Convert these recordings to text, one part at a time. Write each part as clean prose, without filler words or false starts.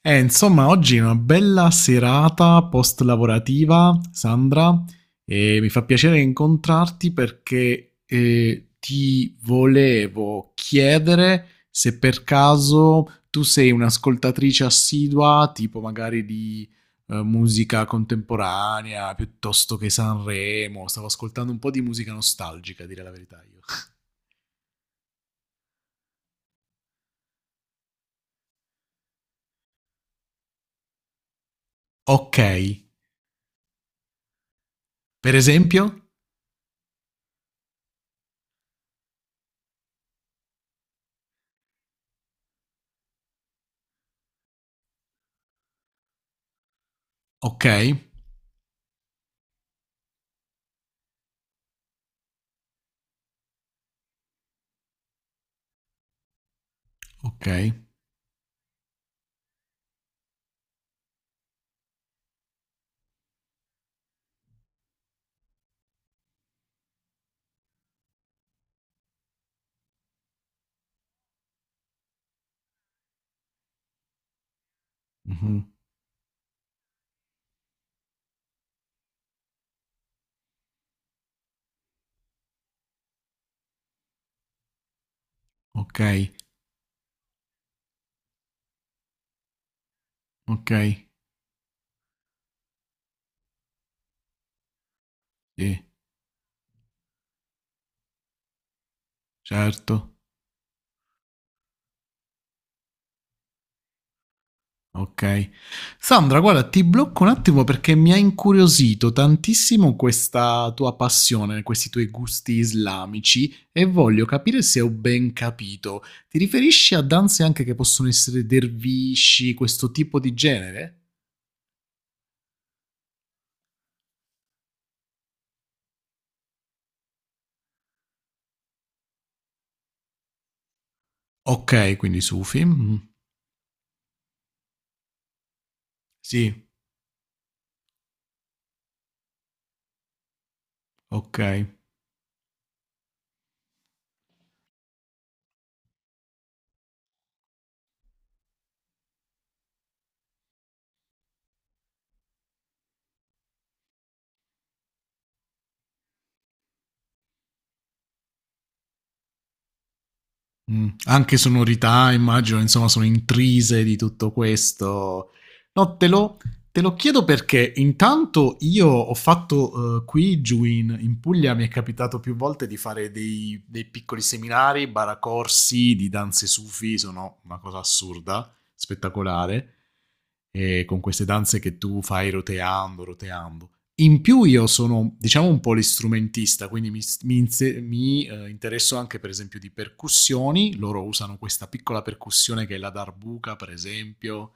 Insomma, oggi è una bella serata post-lavorativa, Sandra, e mi fa piacere incontrarti perché ti volevo chiedere se per caso tu sei un'ascoltatrice assidua, tipo magari di musica contemporanea, piuttosto che Sanremo. Stavo ascoltando un po' di musica nostalgica, a dire la verità io. Ok, per esempio? Ok, ok, mhm, ok, ok. Sì, certo. Ok. Sandra, guarda, ti blocco un attimo perché mi ha incuriosito tantissimo questa tua passione, questi tuoi gusti islamici e voglio capire se ho ben capito. Ti riferisci a danze anche che possono essere dervisci, questo tipo di genere? Ok, quindi sufi. Mhm. Sì, ok. Anche sonorità, immagino, insomma, sono intrise di tutto questo. No, te lo chiedo perché intanto io ho fatto qui giù in, Puglia, mi è capitato più volte di fare dei piccoli seminari, baracorsi di danze sufi, sono una cosa assurda, spettacolare, e con queste danze che tu fai roteando, roteando. In più io sono, diciamo, un polistrumentista, quindi mi interesso anche, per esempio, di percussioni. Loro usano questa piccola percussione che è la darbuca, per esempio,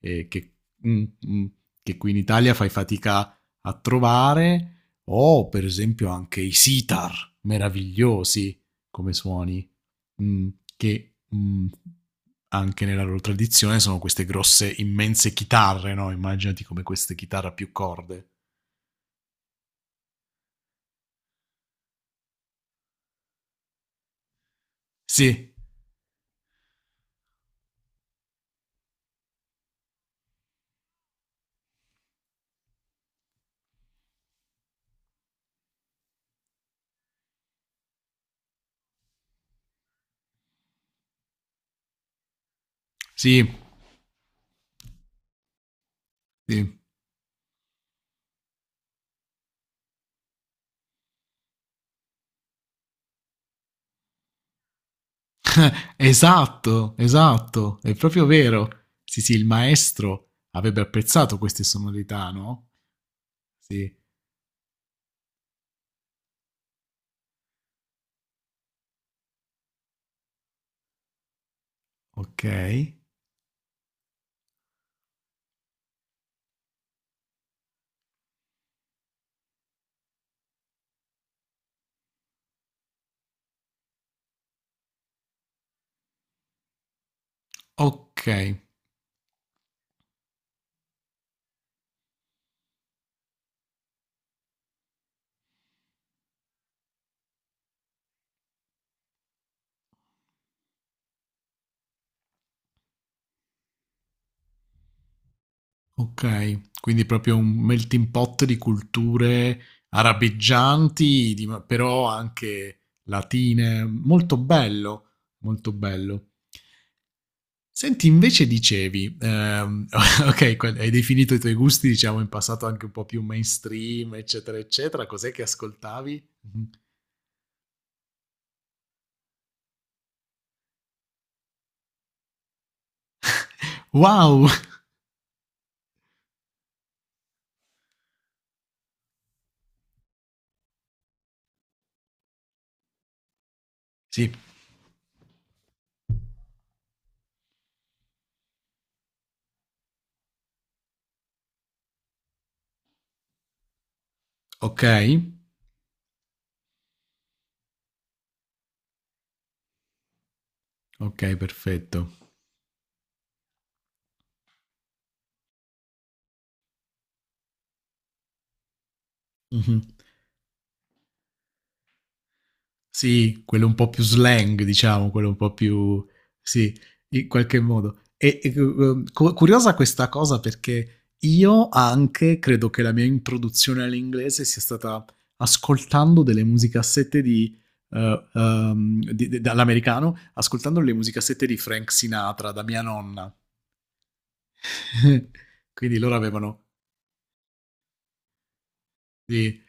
eh, che, mm, mm, che qui in Italia fai fatica a trovare, o per esempio anche i sitar, meravigliosi come suoni, mm, che anche nella loro tradizione sono queste grosse, immense chitarre, no? Immaginati come queste chitarre a più corde. Sì, sì, sì. Esatto, esatto, è proprio vero. Sì, sì, il maestro avrebbe apprezzato queste sonorità, no? Sì, ok. Ok, ok. Quindi proprio un melting pot di culture arabeggianti, però anche latine. Molto bello, molto bello. Senti, invece dicevi, okay, que hai definito i tuoi gusti, diciamo, in passato anche un po' più mainstream, eccetera, eccetera. Cos'è che ascoltavi? Mh-mh. Wow! Sì, okay, okay, perfetto. Mh-mh. Sì, quello un po' più slang, diciamo, quello un po' più. Sì, in qualche modo. Curiosa questa cosa perché io anche credo che la mia introduzione all'inglese sia stata ascoltando delle musicassette di, dall'americano, ascoltando le musicassette di Frank Sinatra da mia nonna. Quindi loro avevano. Sì.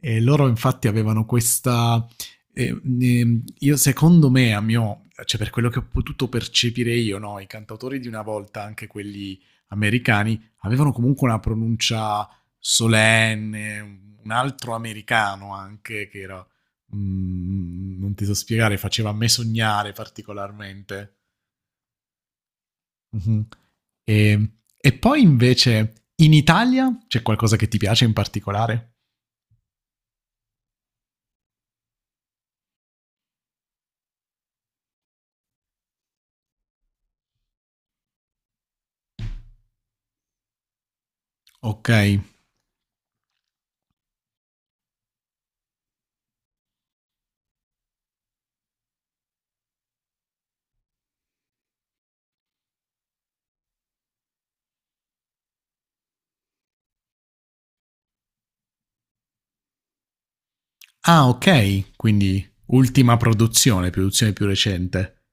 E loro infatti avevano questa. Io secondo me, cioè per quello che ho potuto percepire io, no, i cantautori di una volta, anche quelli americani, avevano comunque una pronuncia solenne, un altro americano anche che era. Non ti so spiegare, faceva a me sognare particolarmente. Mhm. E, e poi invece in Italia c'è qualcosa che ti piace in particolare? Ok. Ah, ok, quindi ultima produzione, produzione più recente.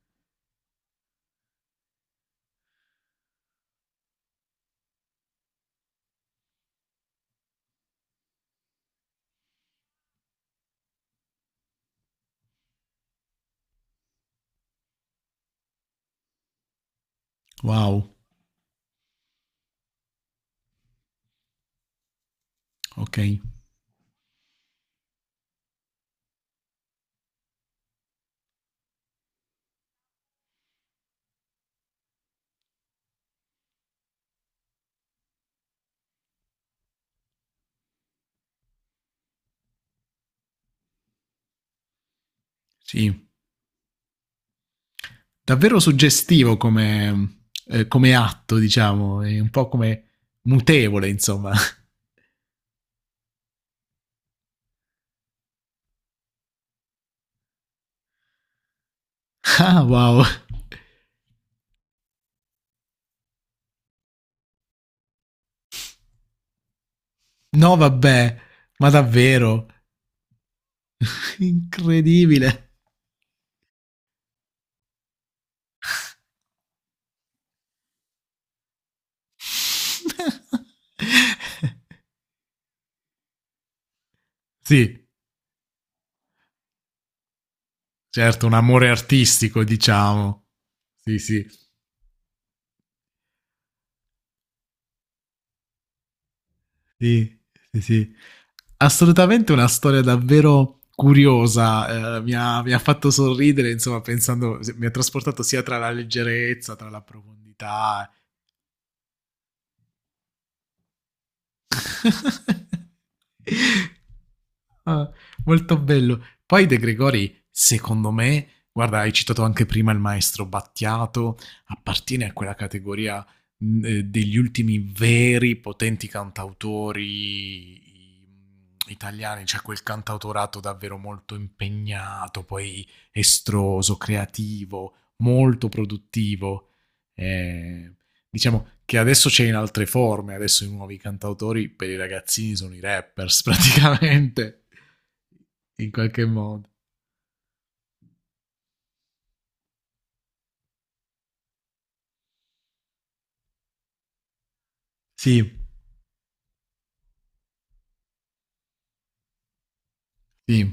Wow, ok. Sì, davvero suggestivo come, come atto, diciamo, è un po' come mutevole, insomma. Ah, wow. No, vabbè, ma davvero, incredibile. Sì, certo, un amore artistico, diciamo. Sì, sì. Sì, sì, sì. Assolutamente una storia davvero curiosa, mi ha fatto sorridere, insomma, pensando, mi ha trasportato sia tra la leggerezza, tra la profondità. Ah, molto bello. Poi De Gregori, secondo me, guarda, hai citato anche prima il maestro Battiato, appartiene a quella categoria degli ultimi veri potenti cantautori italiani, cioè quel cantautorato davvero molto impegnato, poi estroso, creativo, molto produttivo. Eh, Diciamo che adesso c'è in altre forme, adesso i nuovi cantautori per i ragazzini sono i rappers praticamente, in qualche modo. Sì, sì,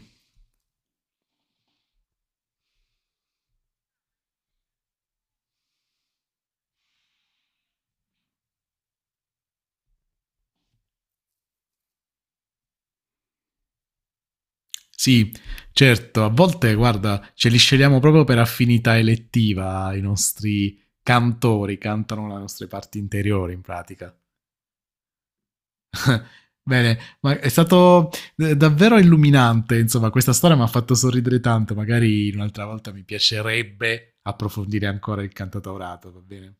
sì, certo, a volte guarda, ce li scegliamo proprio per affinità elettiva, i nostri cantori cantano le nostre parti interiori in pratica. Bene, ma è stato davvero illuminante, insomma, questa storia mi ha fatto sorridere tanto, magari un'altra volta mi piacerebbe approfondire ancora il cantautorato, va bene?